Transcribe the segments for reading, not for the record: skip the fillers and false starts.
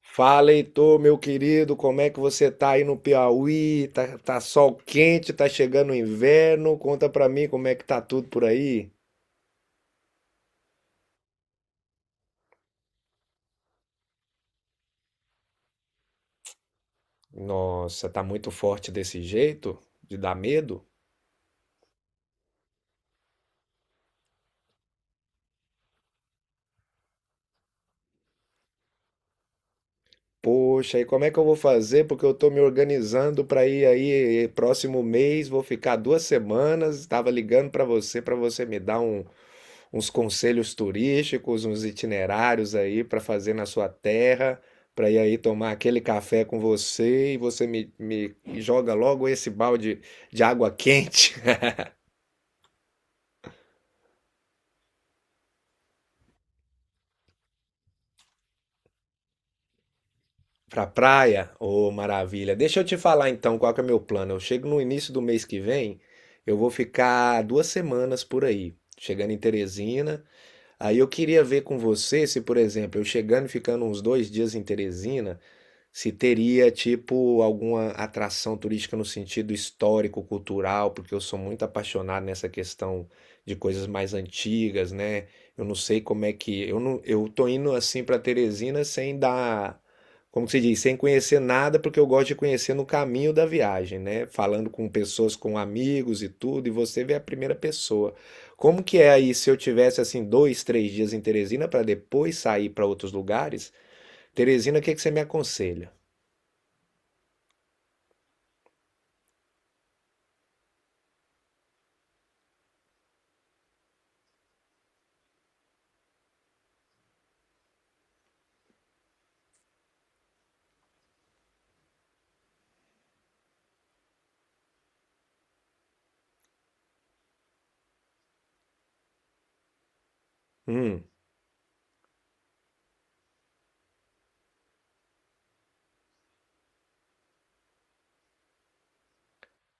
Fala, Heitor, meu querido, como é que você tá aí no Piauí? Tá sol quente, tá chegando o inverno. Conta pra mim como é que tá tudo por aí. Nossa, tá muito forte desse jeito? De dar medo? Poxa, e como é que eu vou fazer? Porque eu tô me organizando pra ir aí próximo mês, vou ficar 2 semanas. Tava ligando pra você me dar uns conselhos turísticos, uns itinerários aí para fazer na sua terra, para ir aí tomar aquele café com você e você me joga logo esse balde de água quente para praia. Ô, maravilha! Deixa eu te falar então qual que é meu plano. Eu chego no início do mês que vem, eu vou ficar duas semanas por aí, chegando em Teresina. Aí eu queria ver com você se, por exemplo, eu chegando e ficando uns 2 dias em Teresina, se teria, tipo, alguma atração turística no sentido histórico, cultural, porque eu sou muito apaixonado nessa questão de coisas mais antigas, né? Eu não sei como é que. Eu não, eu tô indo assim para Teresina sem dar, como que se diz, sem conhecer nada, porque eu gosto de conhecer no caminho da viagem, né? Falando com pessoas, com amigos e tudo, e você vê a primeira pessoa. Como que é aí se eu tivesse assim dois, três dias em Teresina para depois sair para outros lugares? Teresina, o que que você me aconselha? Hum,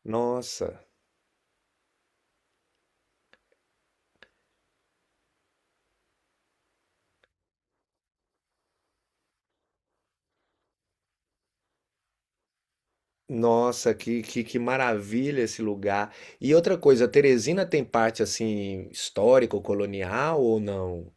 Nossa, nossa, que maravilha esse lugar. E outra coisa, Teresina tem parte assim histórico-colonial ou não?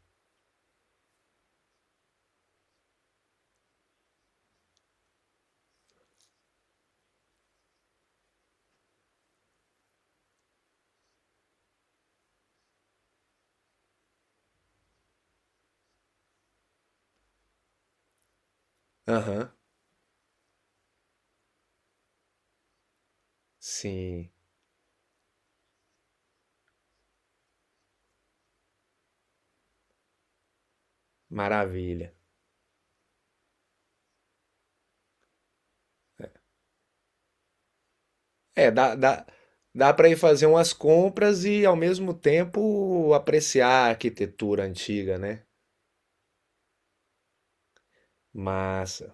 Aham, sim, maravilha. É, dá para ir fazer umas compras e ao mesmo tempo apreciar a arquitetura antiga, né? Massa,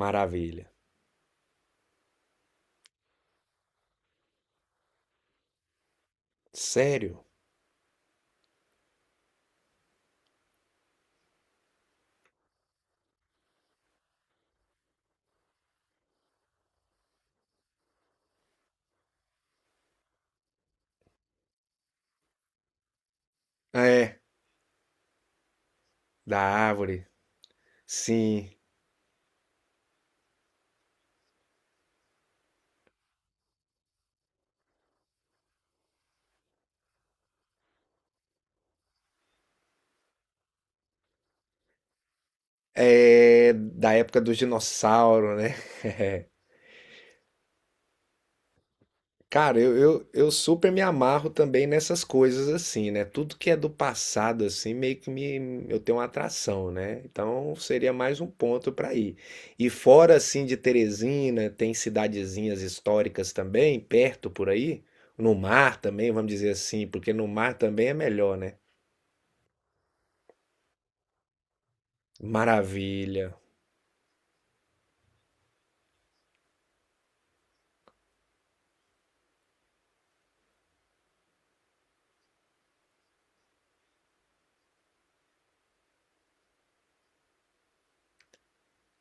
maravilha. Sério? É, da árvore, sim. É da época dos dinossauros, né? Cara, eu super me amarro também nessas coisas assim, né? Tudo que é do passado, assim, meio que eu tenho uma atração, né? Então seria mais um ponto para ir. E fora, assim, de Teresina, tem cidadezinhas históricas também, perto por aí. No mar também, vamos dizer assim, porque no mar também é melhor, né? Maravilha.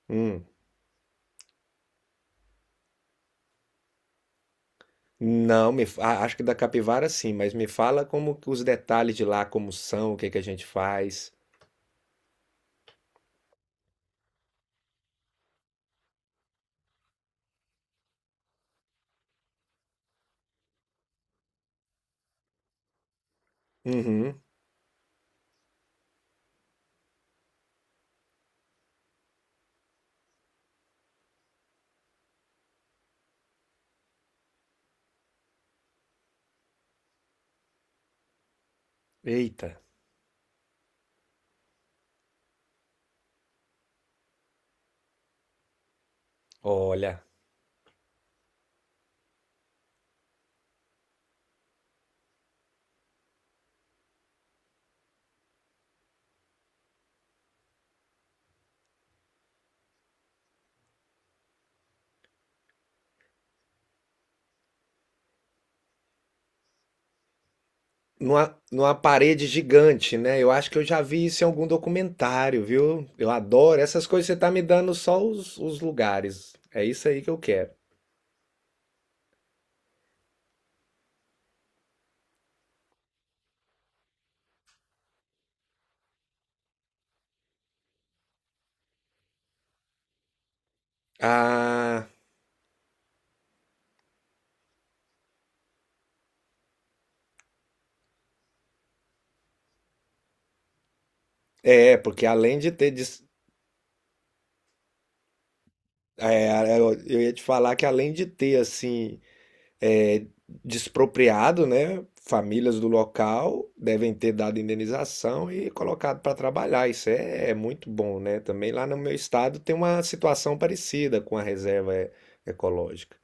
Hum. Não, ah, acho que da capivara sim, mas me fala como que os detalhes de lá, como são, o que que a gente faz. Uhum. Eita. Olha. Numa, numa parede gigante, né? Eu acho que eu já vi isso em algum documentário, viu? Eu adoro essas coisas, você tá me dando só os lugares. É isso aí que eu quero. Ah, é, porque além de ter. É, eu ia te falar que além de ter, assim. É, despropriado, né? Famílias do local devem ter dado indenização e colocado para trabalhar. Isso é, é muito bom, né? Também lá no meu estado tem uma situação parecida com a reserva ecológica.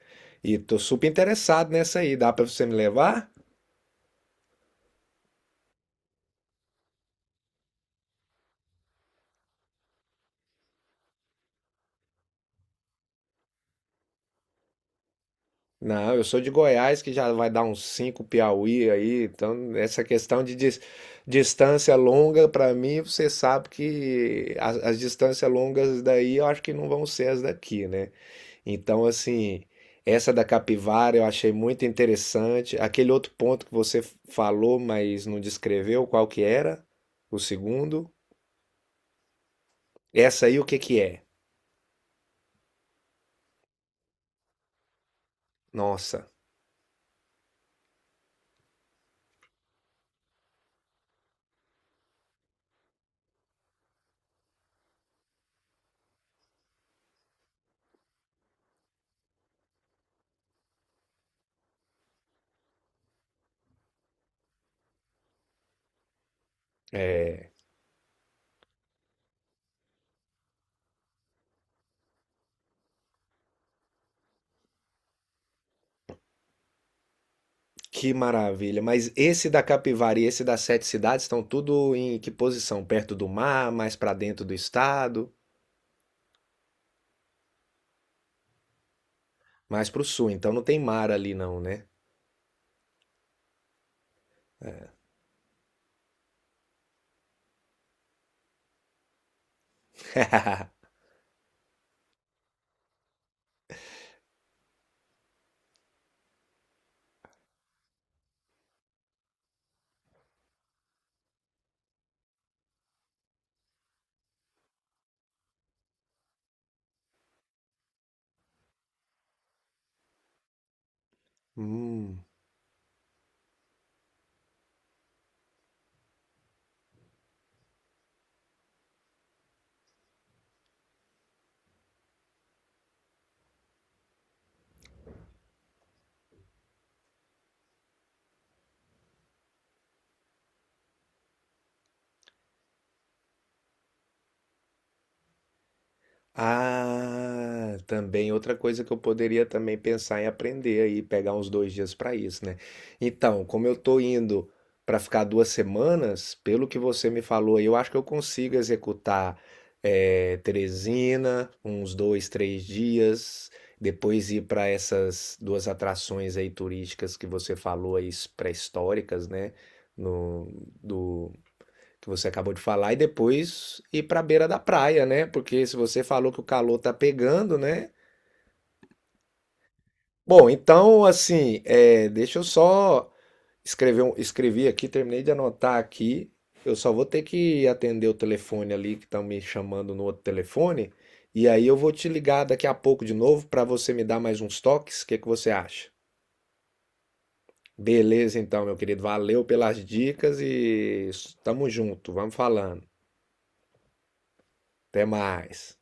E tô super interessado nessa aí. Dá para você me levar? Não, eu sou de Goiás, que já vai dar uns 5 Piauí aí. Então, essa questão de distância longa, para mim, você sabe que as distâncias longas daí eu acho que não vão ser as daqui, né? Então, assim, essa da capivara eu achei muito interessante. Aquele outro ponto que você falou, mas não descreveu qual que era, o segundo. Essa aí o que que é? Nossa, que maravilha. Mas esse da capivara e esse das sete cidades estão tudo em que posição? Perto do mar, mais para dentro do estado, mais para o sul. Então não tem mar ali não, né? Hum. Ah, também outra coisa que eu poderia também pensar em aprender aí, pegar uns 2 dias para isso, né? Então, como eu tô indo para ficar 2 semanas, pelo que você me falou, aí, eu acho que eu consigo executar Teresina, uns dois, três dias, depois ir para essas duas atrações aí turísticas que você falou aí, pré-históricas, né? No, que você acabou de falar, e depois ir para a beira da praia, né? Porque se você falou que o calor tá pegando, né? Bom, então, assim, é, deixa eu só escrevi aqui, terminei de anotar aqui. Eu só vou ter que atender o telefone ali que estão me chamando no outro telefone, e aí eu vou te ligar daqui a pouco de novo para você me dar mais uns toques. O que que você acha? Beleza, então, meu querido. Valeu pelas dicas e tamo junto. Vamos falando. Até mais.